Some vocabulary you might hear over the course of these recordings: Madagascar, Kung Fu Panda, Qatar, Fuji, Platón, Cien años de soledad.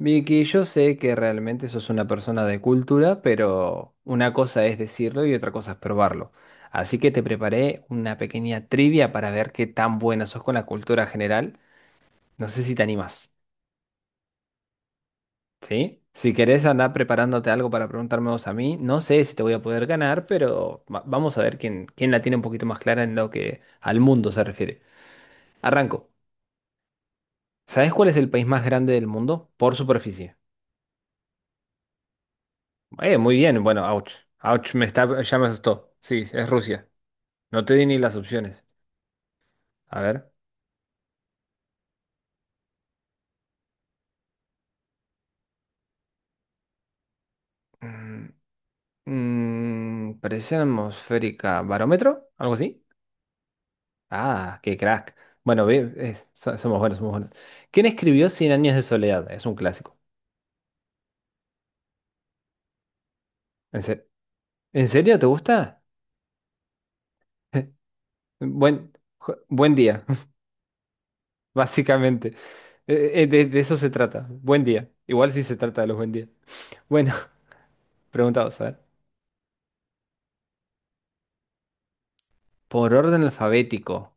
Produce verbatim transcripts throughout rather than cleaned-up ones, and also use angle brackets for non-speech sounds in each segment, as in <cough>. Vicky, yo sé que realmente sos una persona de cultura, pero una cosa es decirlo y otra cosa es probarlo. Así que te preparé una pequeña trivia para ver qué tan buena sos con la cultura general. No sé si te animas, ¿sí? Si querés andar preparándote algo para preguntarme vos a mí, no sé si te voy a poder ganar, pero va- vamos a ver quién, quién la tiene un poquito más clara en lo que al mundo se refiere. Arranco. ¿Sabés cuál es el país más grande del mundo por superficie? Eh, muy bien, bueno, ouch. Ouch, me está, ya me asustó. Sí, es Rusia. No te di ni las opciones. A ver. Mm, mm, Presión atmosférica, barómetro, algo así. Ah, qué crack. Bueno, ve- es- so- somos buenos, somos buenos. ¿Quién escribió Cien años de soledad? Es un clásico. ¿En serio? ¿En serio te gusta? <laughs> Buen, jo- Buen día, <laughs> básicamente. Eh, eh, de, de eso se trata. Buen día. Igual sí se trata de los buen días. Bueno, <laughs> preguntados, a ver. Por orden alfabético.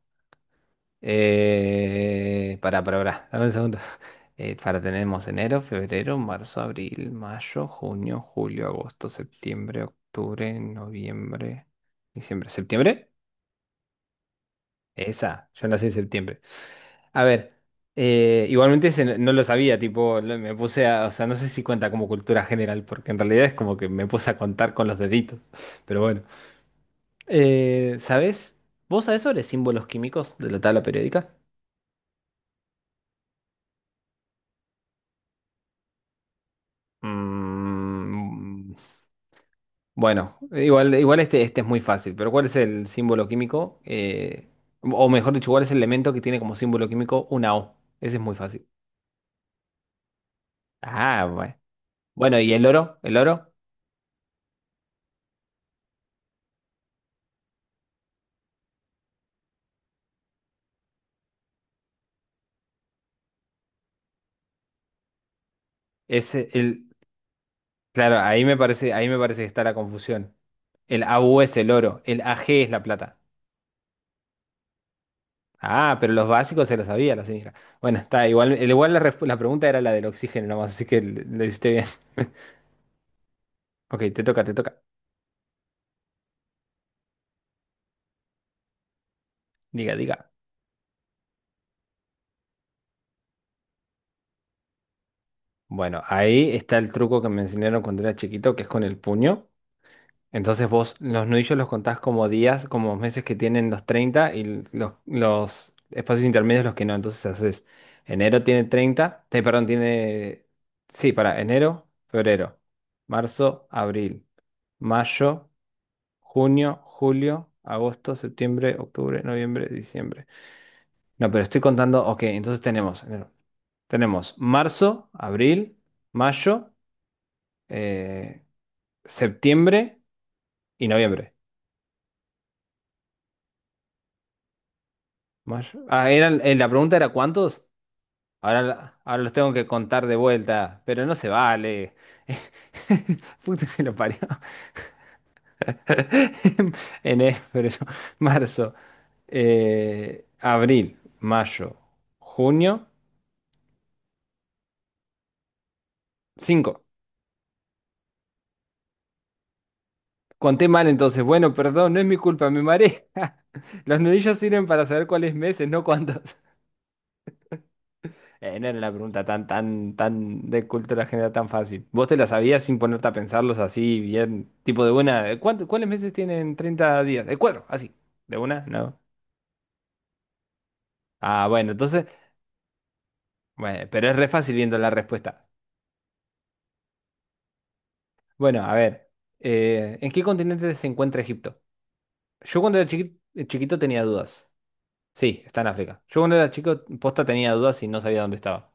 Eh, pará, pará, pará, dame un segundo. <laughs> Eh, para tenemos enero, febrero, marzo, abril, mayo, junio, julio, agosto, septiembre, octubre, noviembre, diciembre, septiembre. Esa, yo nací en septiembre. A ver, eh, igualmente ese no no lo sabía, tipo, lo- me puse a, o sea, no sé si cuenta como cultura general, porque en realidad es como que me puse a contar con los deditos, <laughs> pero bueno. Eh, ¿sabés? ¿Vos sabés sobre símbolos químicos de la tabla periódica? Mm, Bueno, igual, igual este, este es muy fácil, pero ¿cuál es el símbolo químico? Eh, o mejor dicho, ¿cuál es el elemento que tiene como símbolo químico una O? Ese es muy fácil. Ah, bueno. Bueno, ¿y el oro? ¿El oro? Es el, claro, ahí me parece, ahí me parece que está la confusión. El A U es el oro, el A G es la plata. Ah, pero los básicos se los sabía la señora. Bueno, está, igual, el- igual la, resp- la pregunta era la del oxígeno nomás, así que le, le hiciste bien. <laughs> Ok, te toca, te toca. Diga, diga. Bueno, ahí está el truco que me enseñaron cuando era chiquito, que es con el puño. Entonces vos los nudillos los contás como días, como meses que tienen los treinta y l- los, los espacios intermedios los que no. Entonces haces, enero tiene treinta, te- perdón, tiene, sí, para enero, febrero, marzo, abril, mayo, junio, julio, agosto, septiembre, octubre, noviembre, diciembre. No, pero estoy contando, ok, entonces tenemos, enero, tenemos marzo, abril, mayo. Eh, Septiembre y noviembre. Mayo- Ah, eran, eh, la pregunta era ¿cuántos? Ahora, la- ahora los tengo que contar de vuelta, pero no se vale. <laughs> Puta que lo parió. <laughs> Enero, febrero, marzo, eh, abril, mayo, junio, cinco. Conté mal entonces. Bueno, perdón, no es mi culpa, me mareé. <laughs> Los nudillos sirven para saber cuáles meses, no cuántos. Eh, no era una pregunta tan, tan, tan de cultura general tan fácil. ¿Vos te la sabías sin ponerte a pensarlos así, bien, tipo de buena? eh, ¿Cuánto, cuáles meses tienen treinta días? Eh, cuatro, así. ¿De una? No. Ah, bueno, entonces, bueno, pero es re fácil viendo la respuesta. Bueno, a ver, eh, ¿en qué continente se encuentra Egipto? Yo cuando era chiqui- eh, chiquito, tenía dudas. Sí, está en África. Yo cuando era chico, posta tenía dudas y no sabía dónde estaba.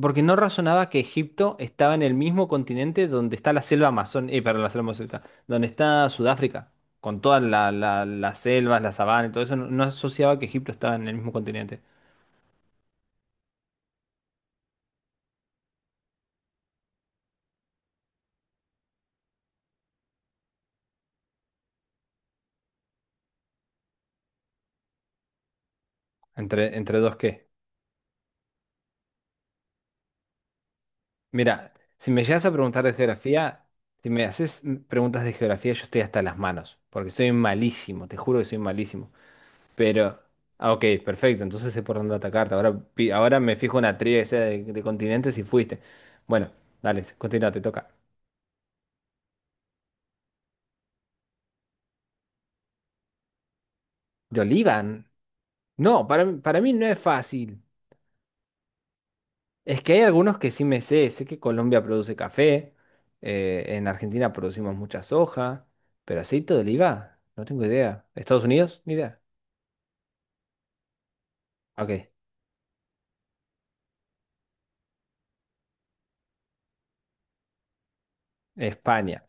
Porque no razonaba que Egipto estaba en el mismo continente donde está la selva amazónica, eh, perdón, la selva amazónica, donde está Sudáfrica, con todas la- la- las selvas, la sabana y todo eso, no, no asociaba que Egipto estaba en el mismo continente. ¿Entre, entre dos qué? Mira, si me llegas a preguntar de geografía, si me haces mm, preguntas de geografía, yo estoy hasta las manos, porque soy malísimo, te juro que soy malísimo. Pero, ah, ok, perfecto, entonces sé por dónde atacarte. Ahora, pi- ahora me fijo una trivia que sea de, de continentes y fuiste. Bueno, dale, continúa, te toca. ¿De Olivan? No, para, para mí no es fácil. Es que hay algunos que sí me sé. Sé que Colombia produce café, eh, en Argentina producimos mucha soja, pero aceite de oliva, no tengo idea. ¿Estados Unidos? Ni idea. Ok, España.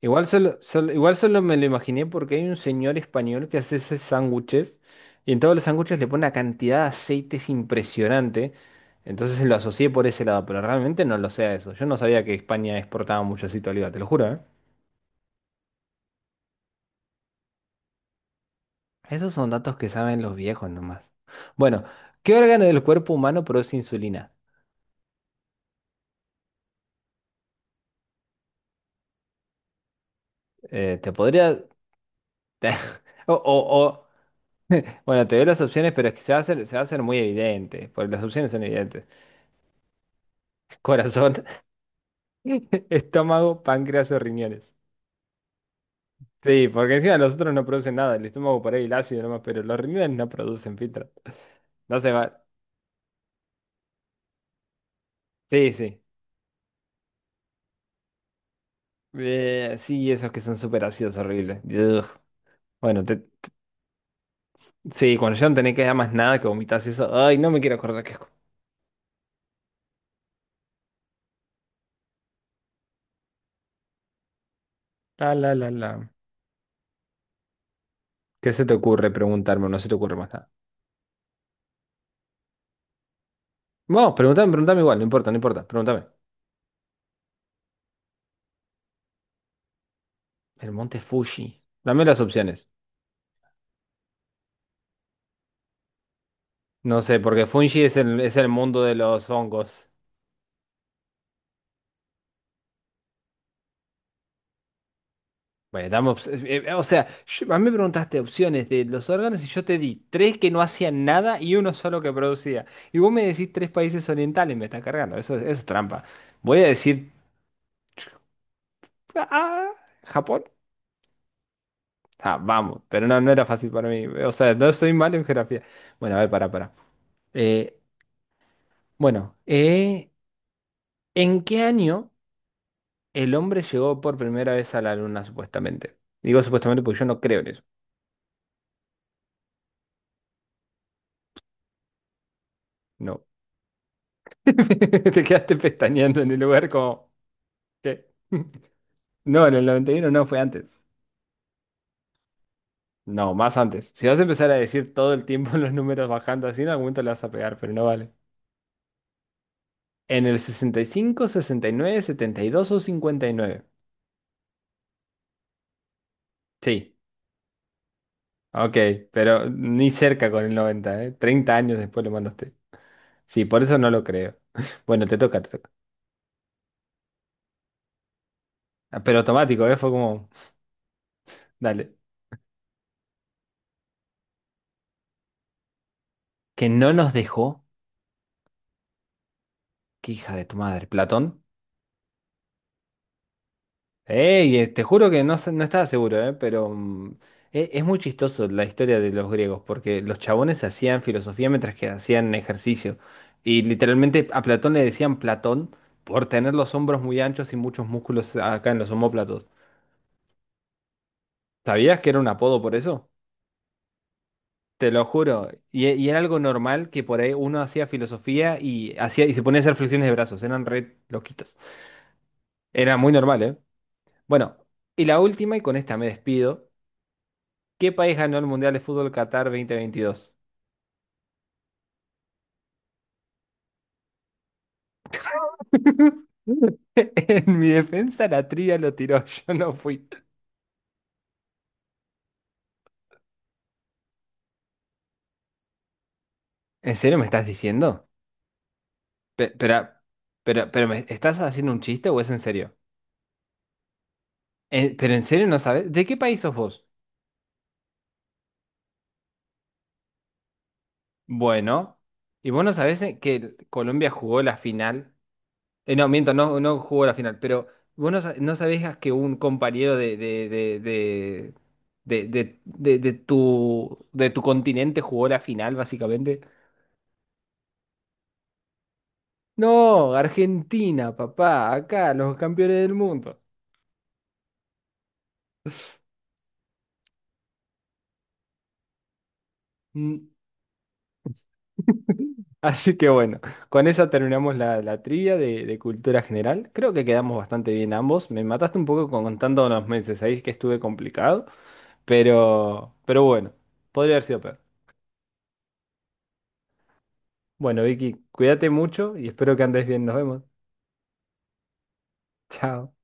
Igual solo, solo- igual solo me lo imaginé porque hay un señor español que hace esos sándwiches y en todos los sándwiches le pone una cantidad de aceites impresionante. Entonces lo asocié por ese lado, pero realmente no lo sé a eso. Yo no sabía que España exportaba mucho aceite de oliva, te lo juro, ¿eh? Esos son datos que saben los viejos nomás. Bueno, ¿qué órgano del cuerpo humano produce insulina? Eh, te podría... <laughs> o, o- o- Bueno, te doy las opciones, pero es que se va a hacer, se va a hacer muy evidente, porque las opciones son evidentes. Corazón, <laughs> estómago, páncreas o riñones. Sí, porque encima los otros no producen nada, el estómago por ahí el ácido nomás, pero los riñones no producen filtro. No se va. Sí, sí. Eh, sí, esos que son súper ácidos horribles. Ugh. Bueno, te, sí, cuando ya no tenés que dar más nada que vomitas eso. Ay, no me quiero acordar qué es. La, la, la, la. ¿Qué se te ocurre preguntarme? ¿O no se te ocurre más nada? Vos, pregúntame, pregúntame igual, no importa, no importa, pregúntame. El monte Fuji. Dame las opciones. No sé, porque Fuji es el, es el mundo de los hongos. Bueno, dame ops- eh, eh, o sea, yo- a mí me preguntaste opciones de los órganos y yo te di tres que no hacían nada y uno solo que producía. Y vos me decís tres países orientales, me está cargando. Eso, es- eso es trampa. Voy a decir... ah, Japón. Ah, vamos, pero no, no era fácil para mí. O sea, no soy malo en geografía. Bueno, a ver, para, para. Bueno, eh, ¿en qué año el hombre llegó por primera vez a la luna, supuestamente? Digo supuestamente porque yo no creo en eso. No. <laughs> Te quedaste pestañeando en el lugar como... ¿Qué? <laughs> No, en el noventa y uno no, fue antes. No, más antes. Si vas a empezar a decir todo el tiempo <laughs> los números bajando así, en algún momento le vas a pegar, pero no vale. En el sesenta sesenta y y cinco, sesenta y nueve, setenta y dos o cincuenta y nueve. Sí. Ok, pero ni cerca con el noventa, ¿eh? Treinta años después lo mandaste. Sí, por eso no lo creo. <laughs> Bueno, te toca, te toca. Ah, pero automático, ¿eh? Fue como, dale. Que no nos dejó. Qué hija de tu madre, Platón. Ey, eh, te juro que no, sé- no estaba seguro, ¿eh? Pero mm, e- es, muy chistoso la historia de los griegos, porque los chabones hacían filosofía mientras que hacían ejercicio. Y literalmente a Platón le decían Platón por tener los hombros muy anchos y muchos músculos acá en los omóplatos. ¿Sabías que era un apodo por eso? Te lo juro. Y, e- y era algo normal que por ahí uno hacía filosofía y hacía y se ponía a hacer flexiones de brazos. Eran re loquitos. Era muy normal, ¿eh? Bueno, y la última, y con esta me despido. ¿Qué país ganó el Mundial de Fútbol Qatar dos mil veintidós? <laughs> En mi defensa la trivia lo tiró, <laughs> yo no fui. ¿En serio me estás diciendo? Pe- pero, pero, pero ¿me estás haciendo un chiste o es en serio? Eh, ¿pero en serio no sabes? ¿De qué país sos vos? Bueno, ¿y vos no sabés eh, que Colombia jugó la final? Eh, no, miento, no, no jugó la final, pero vos no, sa- no sabías que un compañero de, de, de, de, de, de- de- de tu, de tu continente jugó la final, básicamente. No, Argentina, papá, acá, los campeones del mundo. Mm, <laughs> así que bueno, con esa terminamos la, la trivia de, de cultura general. Creo que quedamos bastante bien ambos. Me mataste un poco con contando los meses ahí que estuve complicado, pero, pero bueno, podría haber sido peor. Bueno, Vicky, cuídate mucho y espero que andes bien. Nos vemos. Chao.